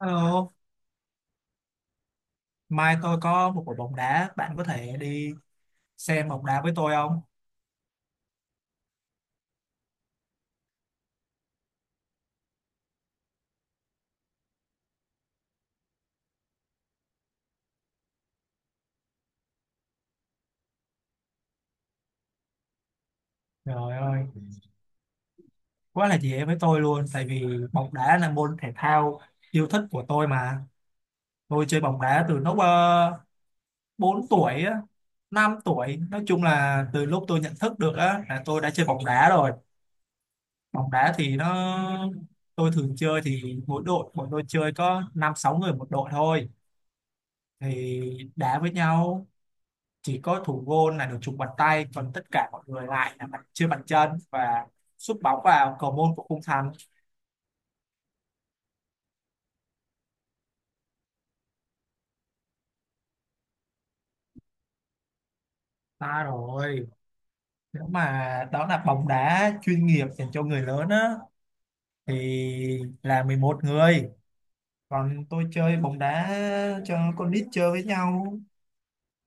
Hello, mai tôi có một buổi bóng đá, bạn có thể đi xem bóng đá với tôi không? Trời ơi, quá là dễ với tôi luôn, tại vì bóng đá là môn thể thao yêu thích của tôi mà. Tôi chơi bóng đá từ lúc 4 tuổi, á, 5 tuổi, nói chung là từ lúc tôi nhận thức được á, là tôi đã chơi bóng đá rồi. Bóng đá thì nó, tôi thường chơi thì mỗi đội, bọn tôi chơi có 5-6 người một đội thôi. Thì đá với nhau, chỉ có thủ môn là được chụp bàn tay, còn tất cả mọi người lại là bàn chưa bàn chân và sút bóng vào cầu môn của khung thành. Ta rồi, nếu mà đó là bóng đá chuyên nghiệp dành cho người lớn á thì là 11 người, còn tôi chơi bóng đá cho con nít chơi với nhau,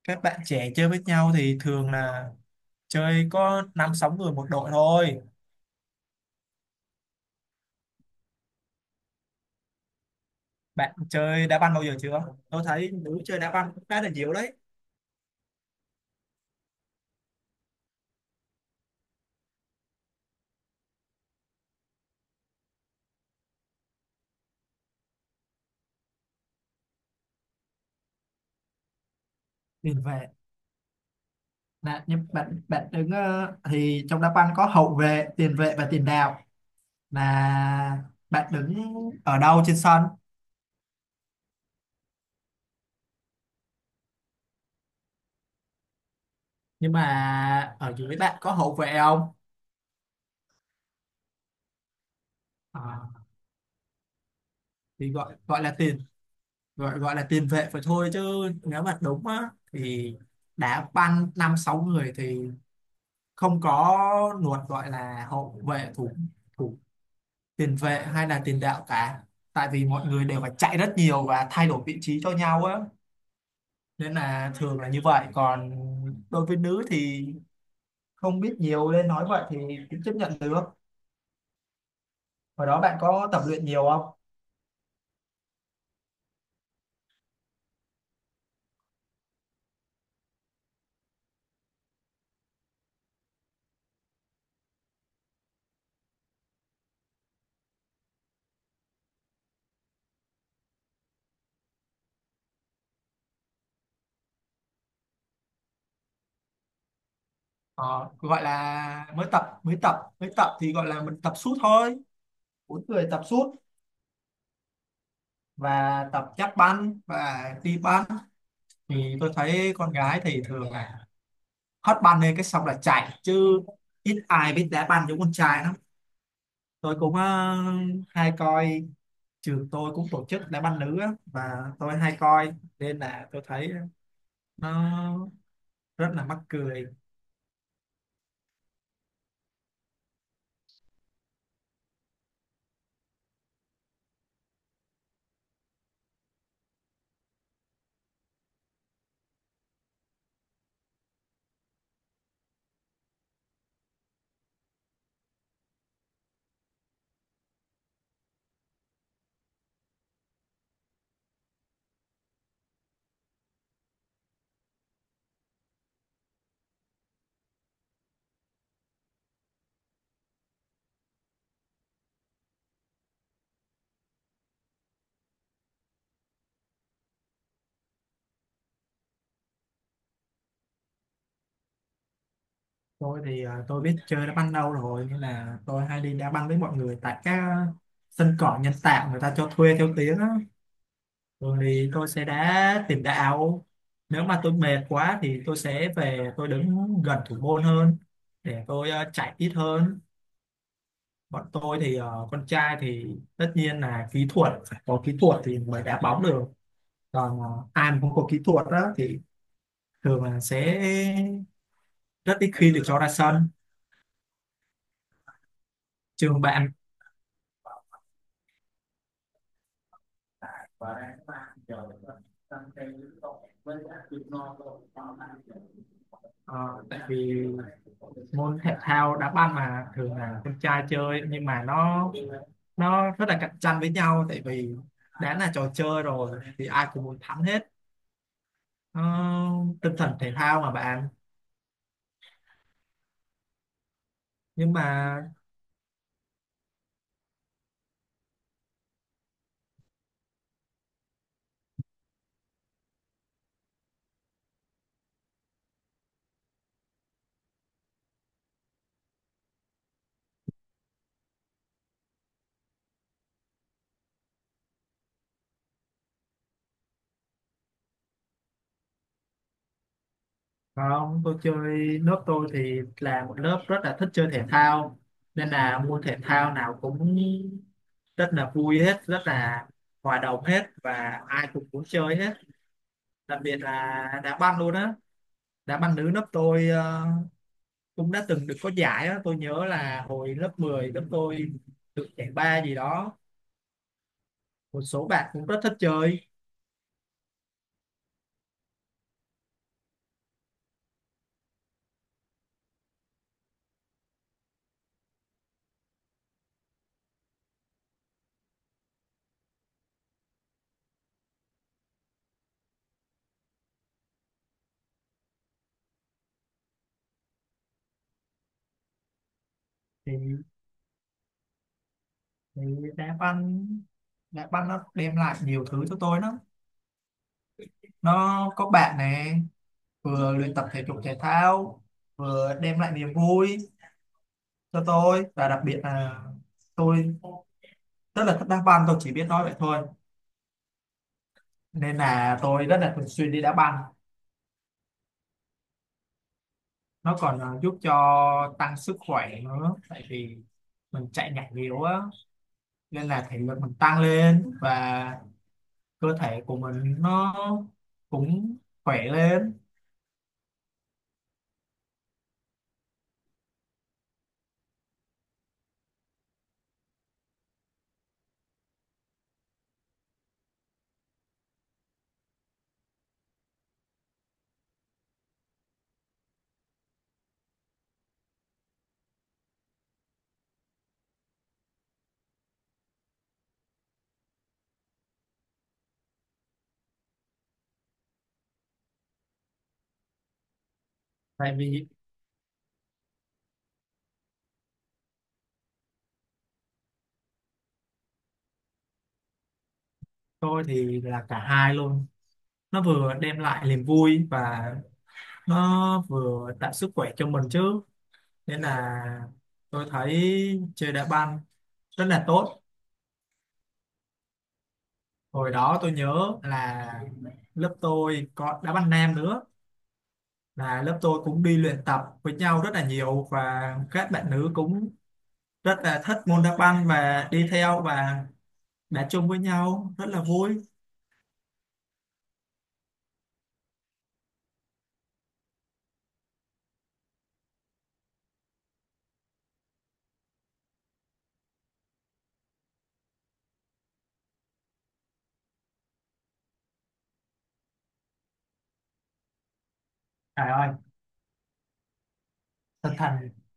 các bạn trẻ chơi với nhau thì thường là chơi có 5-6 người một đội thôi. Bạn chơi đá banh bao giờ chưa? Tôi thấy nữ chơi đá banh cũng khá là nhiều đấy. Nhìn về là, nhưng bạn bạn đứng, thì trong đá banh có hậu vệ, tiền vệ và tiền đạo, là bạn đứng ở đâu trên sân? Nhưng mà ở dưới bạn có hậu vệ không? Ờ, thì gọi gọi là tiền gọi gọi là tiền vệ phải thôi chứ, nếu mà đúng á thì đá banh 5-6 người thì không có luật gọi là hậu vệ, thủ thủ tiền vệ hay là tiền đạo cả, tại vì mọi người đều phải chạy rất nhiều và thay đổi vị trí cho nhau á, nên là thường là như vậy. Còn đối với nữ thì không biết nhiều nên nói vậy thì cũng chấp nhận được. Hồi đó bạn có tập luyện nhiều không? Ờ, gọi là mới tập thì gọi là mình tập sút thôi, 4 người tập sút và tập chát banh và đi banh. Thì tôi thấy con gái thì thường là hất banh lên cái xong là chạy chứ ít ai biết đá banh giống con trai lắm. Tôi cũng hay coi, trường tôi cũng tổ chức đá banh nữ á, và tôi hay coi nên là tôi thấy nó rất là mắc cười. Tôi thì tôi biết chơi đá banh đâu rồi nên là tôi hay đi đá banh với mọi người tại các sân cỏ nhân tạo người ta cho thuê theo tiếng á. Thường thì tôi sẽ đá tiền đạo, nếu mà tôi mệt quá thì tôi sẽ về tôi đứng gần thủ môn hơn để tôi chạy ít hơn. Bọn tôi thì con trai thì tất nhiên là kỹ thuật phải có kỹ thuật thì mới đá bóng được, còn ai mà không có kỹ thuật đó thì thường là sẽ rất ít khi được cho ra sân. Trường bạn. Ờ, tại vì môn thể thao đá banh mà thường là con trai chơi, nhưng mà nó rất là cạnh tranh với nhau, tại vì đã là trò chơi rồi thì ai cũng muốn thắng hết. Ờ, tinh thần thể thao mà bạn, nhưng mà không. Tôi chơi lớp tôi thì là một lớp rất là thích chơi thể thao, nên là môn thể thao nào cũng rất là vui hết, rất là hòa đồng hết và ai cũng muốn chơi hết, đặc biệt là đá banh luôn á. Đá banh nữ lớp tôi cũng đã từng được có giải đó, tôi nhớ là hồi lớp 10 lớp tôi được giải ba gì đó, một số bạn cũng rất thích chơi. Thì, thì đá banh, đá banh nó đem lại nhiều thứ cho tôi lắm, nó có bạn này, vừa luyện tập thể dục thể thao, vừa đem lại niềm vui cho tôi, và đặc biệt là tôi rất là thích đá banh, tôi chỉ biết nói vậy thôi. Nên là tôi rất là thường xuyên đi đá banh, nó còn giúp cho tăng sức khỏe nữa, tại vì mình chạy nhảy nhiều á nên là thể lực mình tăng lên và cơ thể của mình nó cũng khỏe lên. Tại vì tôi thì là cả hai luôn, nó vừa đem lại niềm vui và nó vừa tạo sức khỏe cho mình chứ, nên là tôi thấy chơi đá banh rất là tốt. Hồi đó tôi nhớ là lớp tôi có đá banh nam nữa, là lớp tôi cũng đi luyện tập với nhau rất là nhiều và các bạn nữ cũng rất là thích môn đá banh và đi theo và đá chung với nhau rất là vui. Trời ơi, tinh thần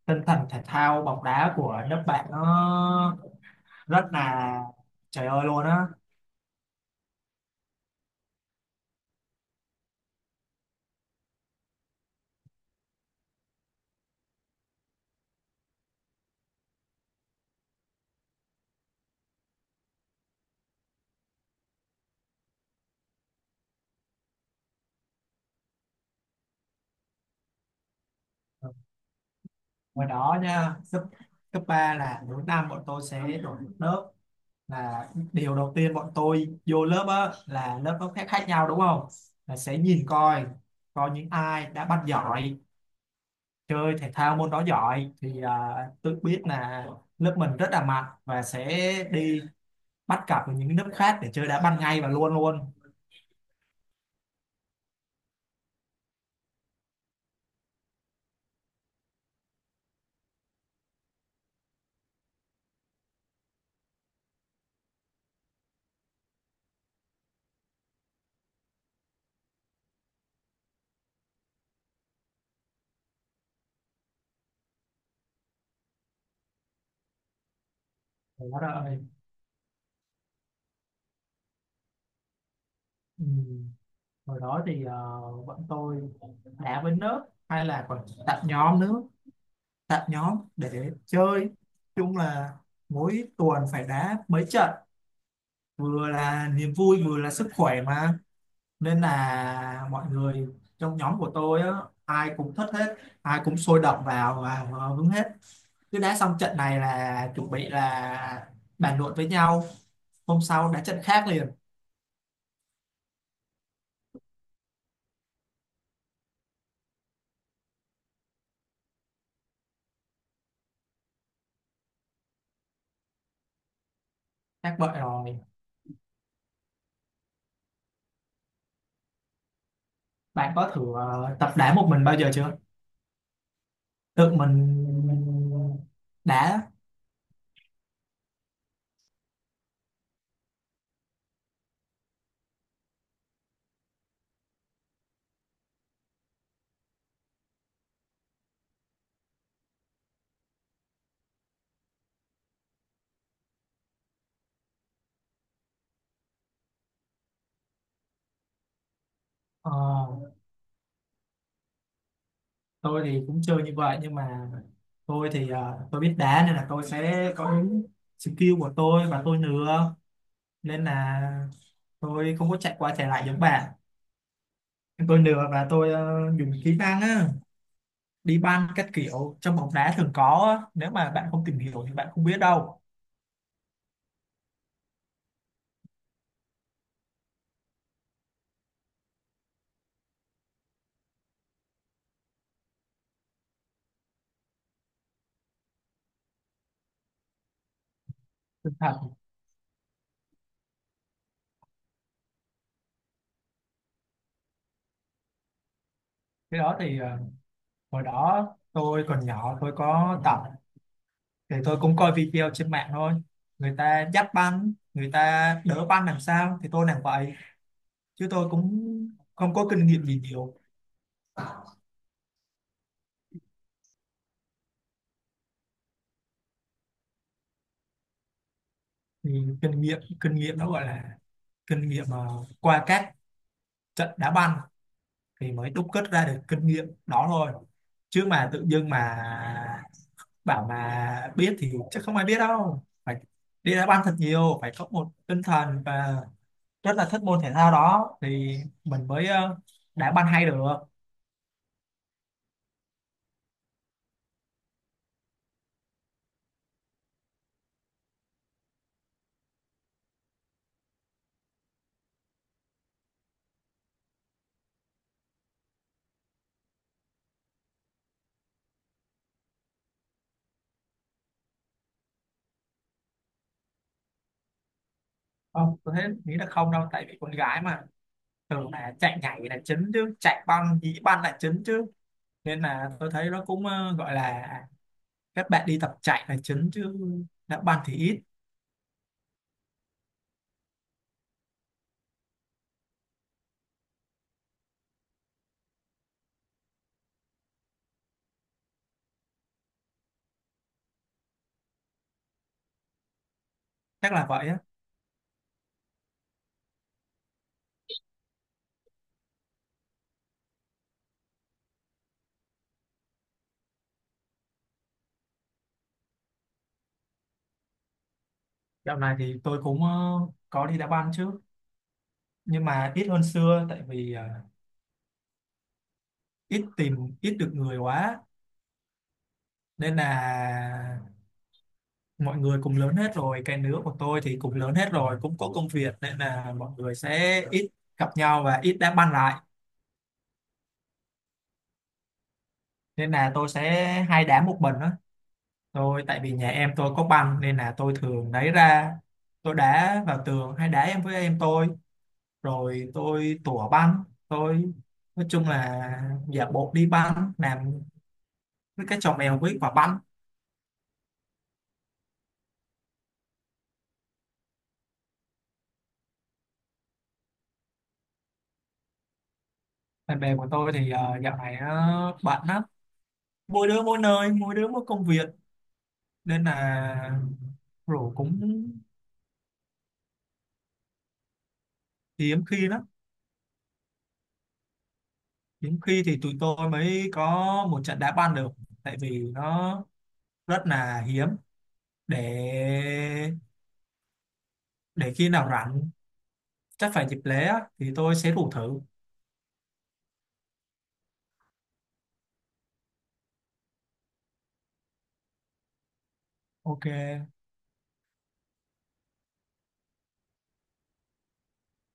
tinh thần thể thao bóng đá của nước bạn nó rất là trời ơi luôn á. Ngoài đó nha, cấp cấp 3 là mỗi năm bọn tôi sẽ đổi một lớp, là điều đầu tiên bọn tôi vô lớp á là lớp nó khác khác nhau đúng không? Là sẽ nhìn coi coi những ai đã bắt giỏi, chơi thể thao môn đó giỏi thì tự biết là lớp mình rất là mạnh và sẽ đi bắt cặp với những nước khác để chơi đá ban ngày và luôn luôn. Trời đất ơi. Ừ. Hồi đó thì bọn tôi đá với nước hay là còn tạo nhóm nữa, tạo nhóm để chơi chung, là mỗi tuần phải đá mấy trận, vừa là niềm vui vừa là sức khỏe mà, nên là mọi người trong nhóm của tôi á, ai cũng thích hết, ai cũng sôi động vào và hứng hết, cứ đá xong trận này là chuẩn bị là bàn luận với nhau hôm sau đá trận khác liền. Chắc vậy rồi. Bạn có thử tập đá một mình bao giờ chưa? Tự mình đá. Ờ, tôi thì cũng chơi như vậy nhưng mà tôi thì tôi biết đá nên là tôi sẽ có những skill của tôi và tôi nừa, nên là tôi không có chạy qua chạy lại giống bạn. Tôi nừa và tôi dùng kỹ năng á, đi banh các kiểu trong bóng đá thường có á. Nếu mà bạn không tìm hiểu thì bạn không biết đâu. Thật, cái đó thì hồi đó tôi còn nhỏ tôi có tập thì tôi cũng coi video trên mạng thôi, người ta dắt banh người ta đỡ banh làm sao thì tôi làm vậy chứ tôi cũng không có kinh nghiệm gì nhiều. Thì kinh nghiệm nó gọi là kinh nghiệm mà qua các trận đá banh thì mới đúc kết ra được kinh nghiệm đó thôi, chứ mà tự dưng mà bảo mà biết thì chắc không ai biết đâu. Phải đi đá banh thật nhiều, phải có một tinh thần và rất là thích môn thể thao đó thì mình mới đá banh hay được. Không tôi thấy nghĩ là không đâu, tại vì con gái mà thường là chạy nhảy là chính chứ chạy băng dĩ băng là chính chứ, nên là tôi thấy nó cũng gọi là các bạn đi tập chạy là chính chứ đá banh thì ít. Chắc là vậy á. Dạo này thì tôi cũng có đi đá banh chứ, nhưng mà ít hơn xưa tại vì ít tìm ít được người quá, nên là mọi người cũng lớn hết rồi, cái lứa của tôi thì cũng lớn hết rồi cũng có công việc, nên là mọi người sẽ ít gặp nhau và ít đá banh lại, nên là tôi sẽ hay đá một mình đó. Tôi tại vì nhà em tôi có banh nên là tôi thường lấy ra, tôi đá vào tường hay đá em với em tôi, rồi tôi tủa banh, tôi nói chung là giả bộ đi banh làm với cái trò mèo với quả banh. Bạn bè của tôi thì dạo này nó bận lắm, mỗi đứa mỗi nơi, mỗi đứa mỗi công việc nên là rủ cũng hiếm khi lắm. Hiếm khi thì tụi tôi mới có một trận đá banh được, tại vì nó rất là hiếm, để để khi nào rảnh chắc phải dịp lễ á, thì tôi sẽ rủ thử. Ok.